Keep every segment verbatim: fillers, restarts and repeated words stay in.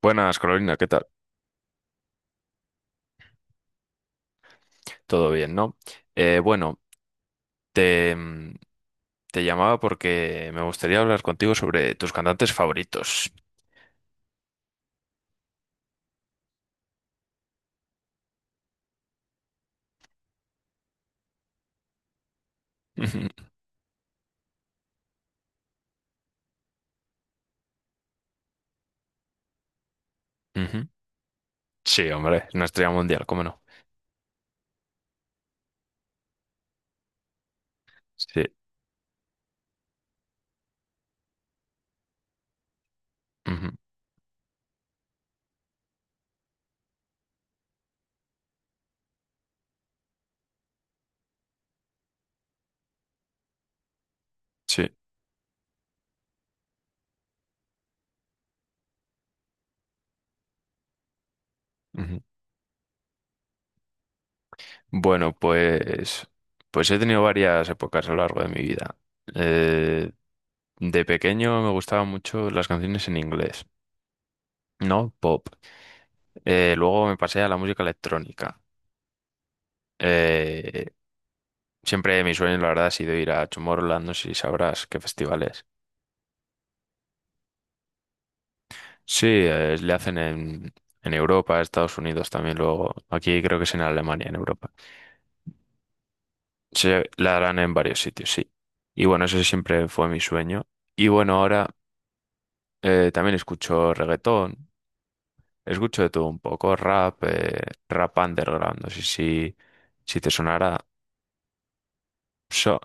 Buenas, Carolina, ¿qué tal? Todo bien, ¿no? Eh, bueno, te, mm, te llamaba porque me gustaría hablar contigo sobre tus cantantes favoritos. Ujú, ujú. Sí, hombre, es una estrella mundial, ¿cómo no? Sí, ujú, sí. Ujú. Bueno, pues, pues he tenido varias épocas a lo largo de mi vida. Eh, de pequeño me gustaban mucho las canciones en inglés, ¿no? Pop. Eh, luego me pasé a la música electrónica. Eh, Siempre mi sueño, la verdad, ha sido ir a Tomorrowland, no sé si sabrás qué festivales. Sí, eh, le hacen en, en Europa, Estados Unidos también luego. Aquí creo que es en Alemania, en Europa. Se la harán en varios sitios, sí. Y bueno, eso siempre fue mi sueño. Y bueno, ahora eh, también escucho reggaetón, escucho de todo un poco, rap, eh, rap underground, no sé si, si te sonará. So,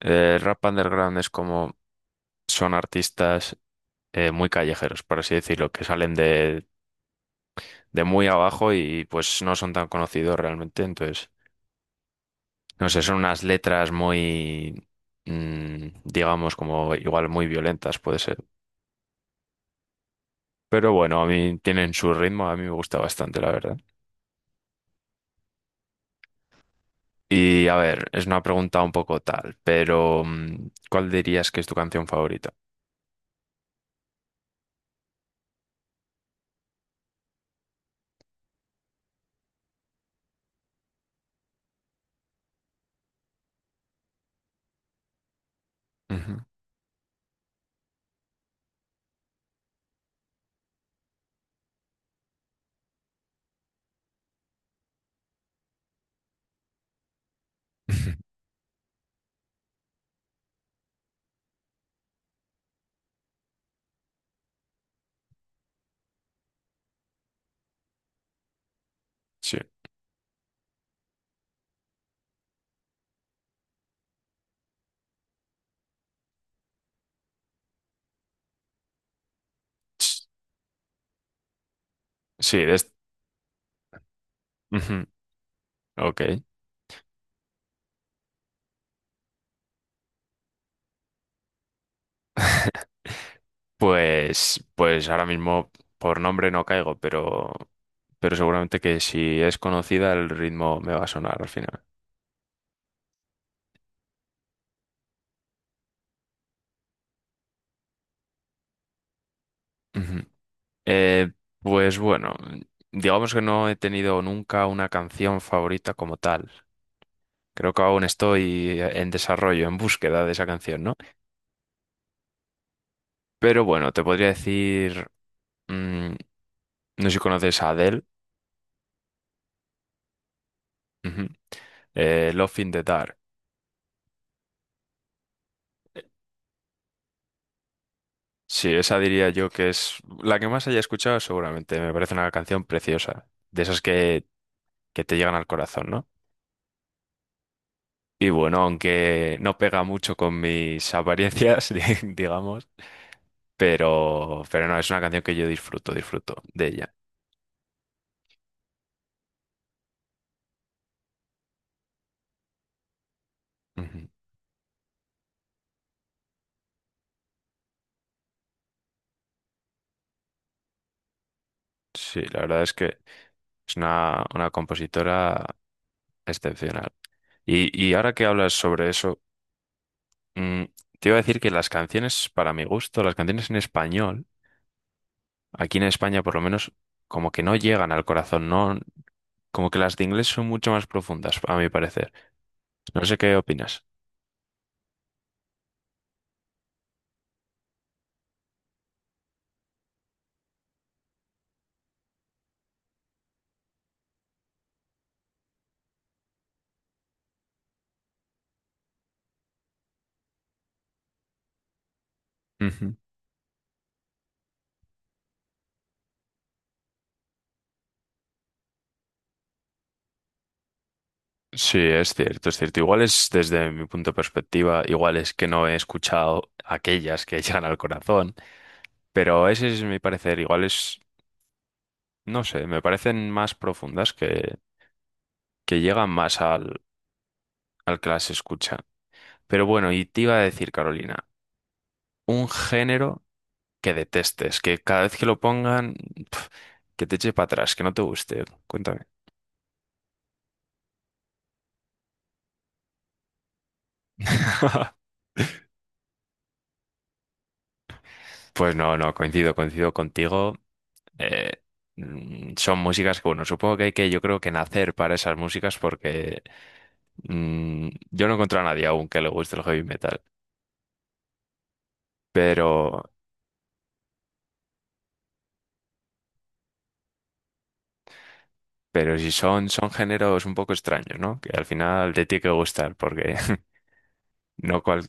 eh, rap underground es como son artistas eh, muy callejeros, por así decirlo, que salen de, de muy abajo y pues no son tan conocidos realmente. Entonces, no sé, son unas letras muy, mm, digamos, como igual muy violentas puede ser. Pero bueno, a mí tienen su ritmo, a mí me gusta bastante, la verdad. Y a ver, es una pregunta un poco tal, pero mm, ¿cuál dirías que es tu canción favorita? Ujú. Sí. Sí, de est- Ujú. Ok. Pues, pues ahora mismo por nombre no caigo, pero, pero seguramente que si es conocida el ritmo me va a sonar al final. Ujú. Eh, pues bueno, digamos que no he tenido nunca una canción favorita como tal. Creo que aún estoy en desarrollo, en búsqueda de esa canción, ¿no? Pero bueno, te podría decir, mm, no sé si conoces a Adele, ujú, eh, Love in the Dark. Sí, esa diría yo que es la que más haya escuchado seguramente. Me parece una canción preciosa, de esas que, que te llegan al corazón, ¿no? Y bueno, aunque no pega mucho con mis apariencias, di- digamos, pero, pero no, es una canción que yo disfruto, disfruto de ella. Ujú. Sí, la verdad es que es una, una compositora excepcional. Y, y ahora que hablas sobre eso, mm, te iba a decir que las canciones, para mi gusto, las canciones en español, aquí en España, por lo menos, como que no llegan al corazón, no, como que las de inglés son mucho más profundas, a mi parecer. No sé qué opinas. Ujú. Sí, es cierto, es cierto. Igual es desde mi punto de perspectiva, igual es que no he escuchado aquellas que llegan al corazón, pero ese es mi parecer. Igual es, no sé, me parecen más profundas que, que llegan más al, al que las escucha. Pero bueno, y te iba a decir, Carolina, un género que detestes, que cada vez que lo pongan, pf, que te eche para atrás, que no te guste. Cuéntame. Pues no, no, coincido, coincido contigo. Eh, mm, son músicas que, bueno, supongo que hay que, yo creo que nacer para esas músicas porque mm, yo no encuentro a nadie aún que le guste el heavy metal. Pero, pero si son, son géneros un poco extraños, ¿no? Que al final te tiene que gustar porque no cual...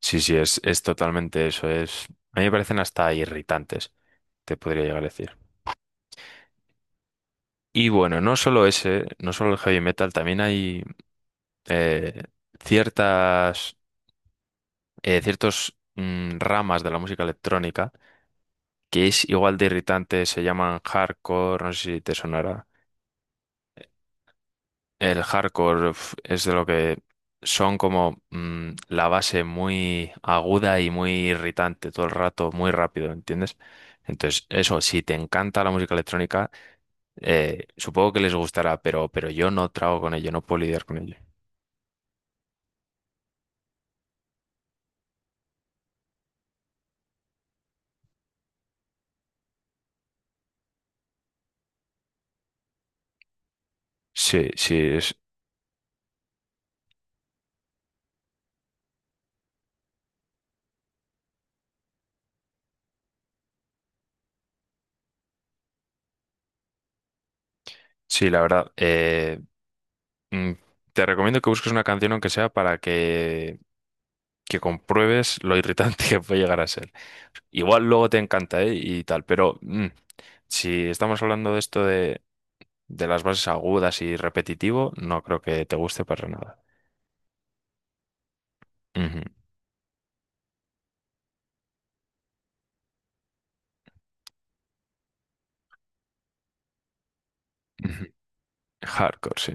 Sí, sí, es, es totalmente eso. Es... A mí me parecen hasta irritantes, te podría llegar a decir. Y bueno, no solo ese, no solo el heavy metal, también hay eh, ciertas eh, ciertos mm, ramas de la música electrónica que es igual de irritante, se llaman hardcore, no sé si te sonará. El hardcore uf, es de lo que son como mm, la base muy aguda y muy irritante todo el rato, muy rápido, ¿entiendes? Entonces, eso, si te encanta la música electrónica, eh, supongo que les gustará, pero, pero yo no trago con ello, no puedo lidiar con ello. Sí, sí, sí, la verdad. eh, mm, te recomiendo que busques una canción aunque sea para que, que compruebes lo irritante que puede llegar a ser. Igual luego te encanta, ¿eh? Y tal, pero mm, si estamos hablando de esto de, de las bases agudas y repetitivo, no creo que te guste para nada. Ujú, ujú. Hardcore, sí.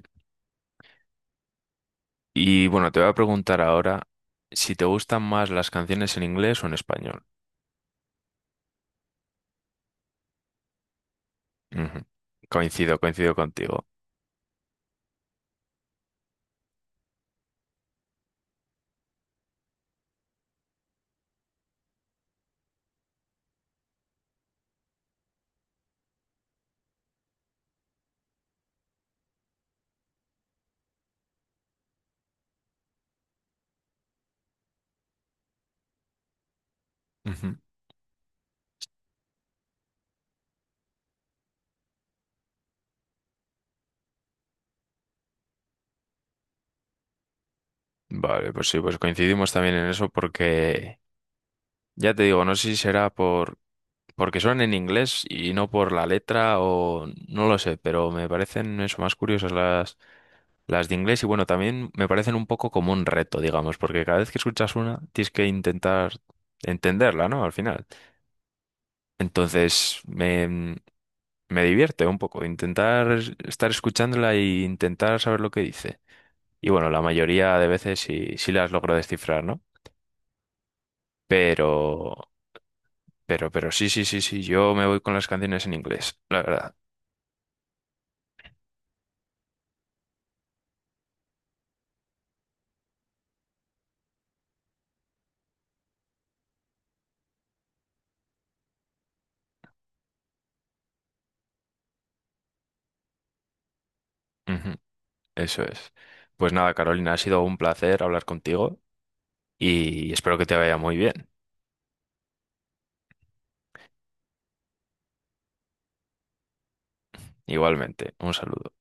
Y bueno, te voy a preguntar ahora si te gustan más las canciones en inglés o en español. Ujú. Coincido, coincido contigo. Ujú. Vale, pues sí, pues coincidimos también en eso porque ya te digo, no sé si será por porque son en inglés y no por la letra o no lo sé, pero me parecen eso más curiosas las las de inglés y bueno, también me parecen un poco como un reto, digamos, porque cada vez que escuchas una tienes que intentar entenderla, ¿no? Al final. Entonces, me me divierte un poco intentar es- estar escuchándola e intentar saber lo que dice. Y bueno, la mayoría de veces sí, sí las logro descifrar, ¿no? Pero Pero, pero sí, sí, sí, sí, yo me voy con las canciones en inglés, la verdad. Ujú, eso es. Pues nada, Carolina, ha sido un placer hablar contigo y espero que te vaya muy bien. Igualmente, un saludo.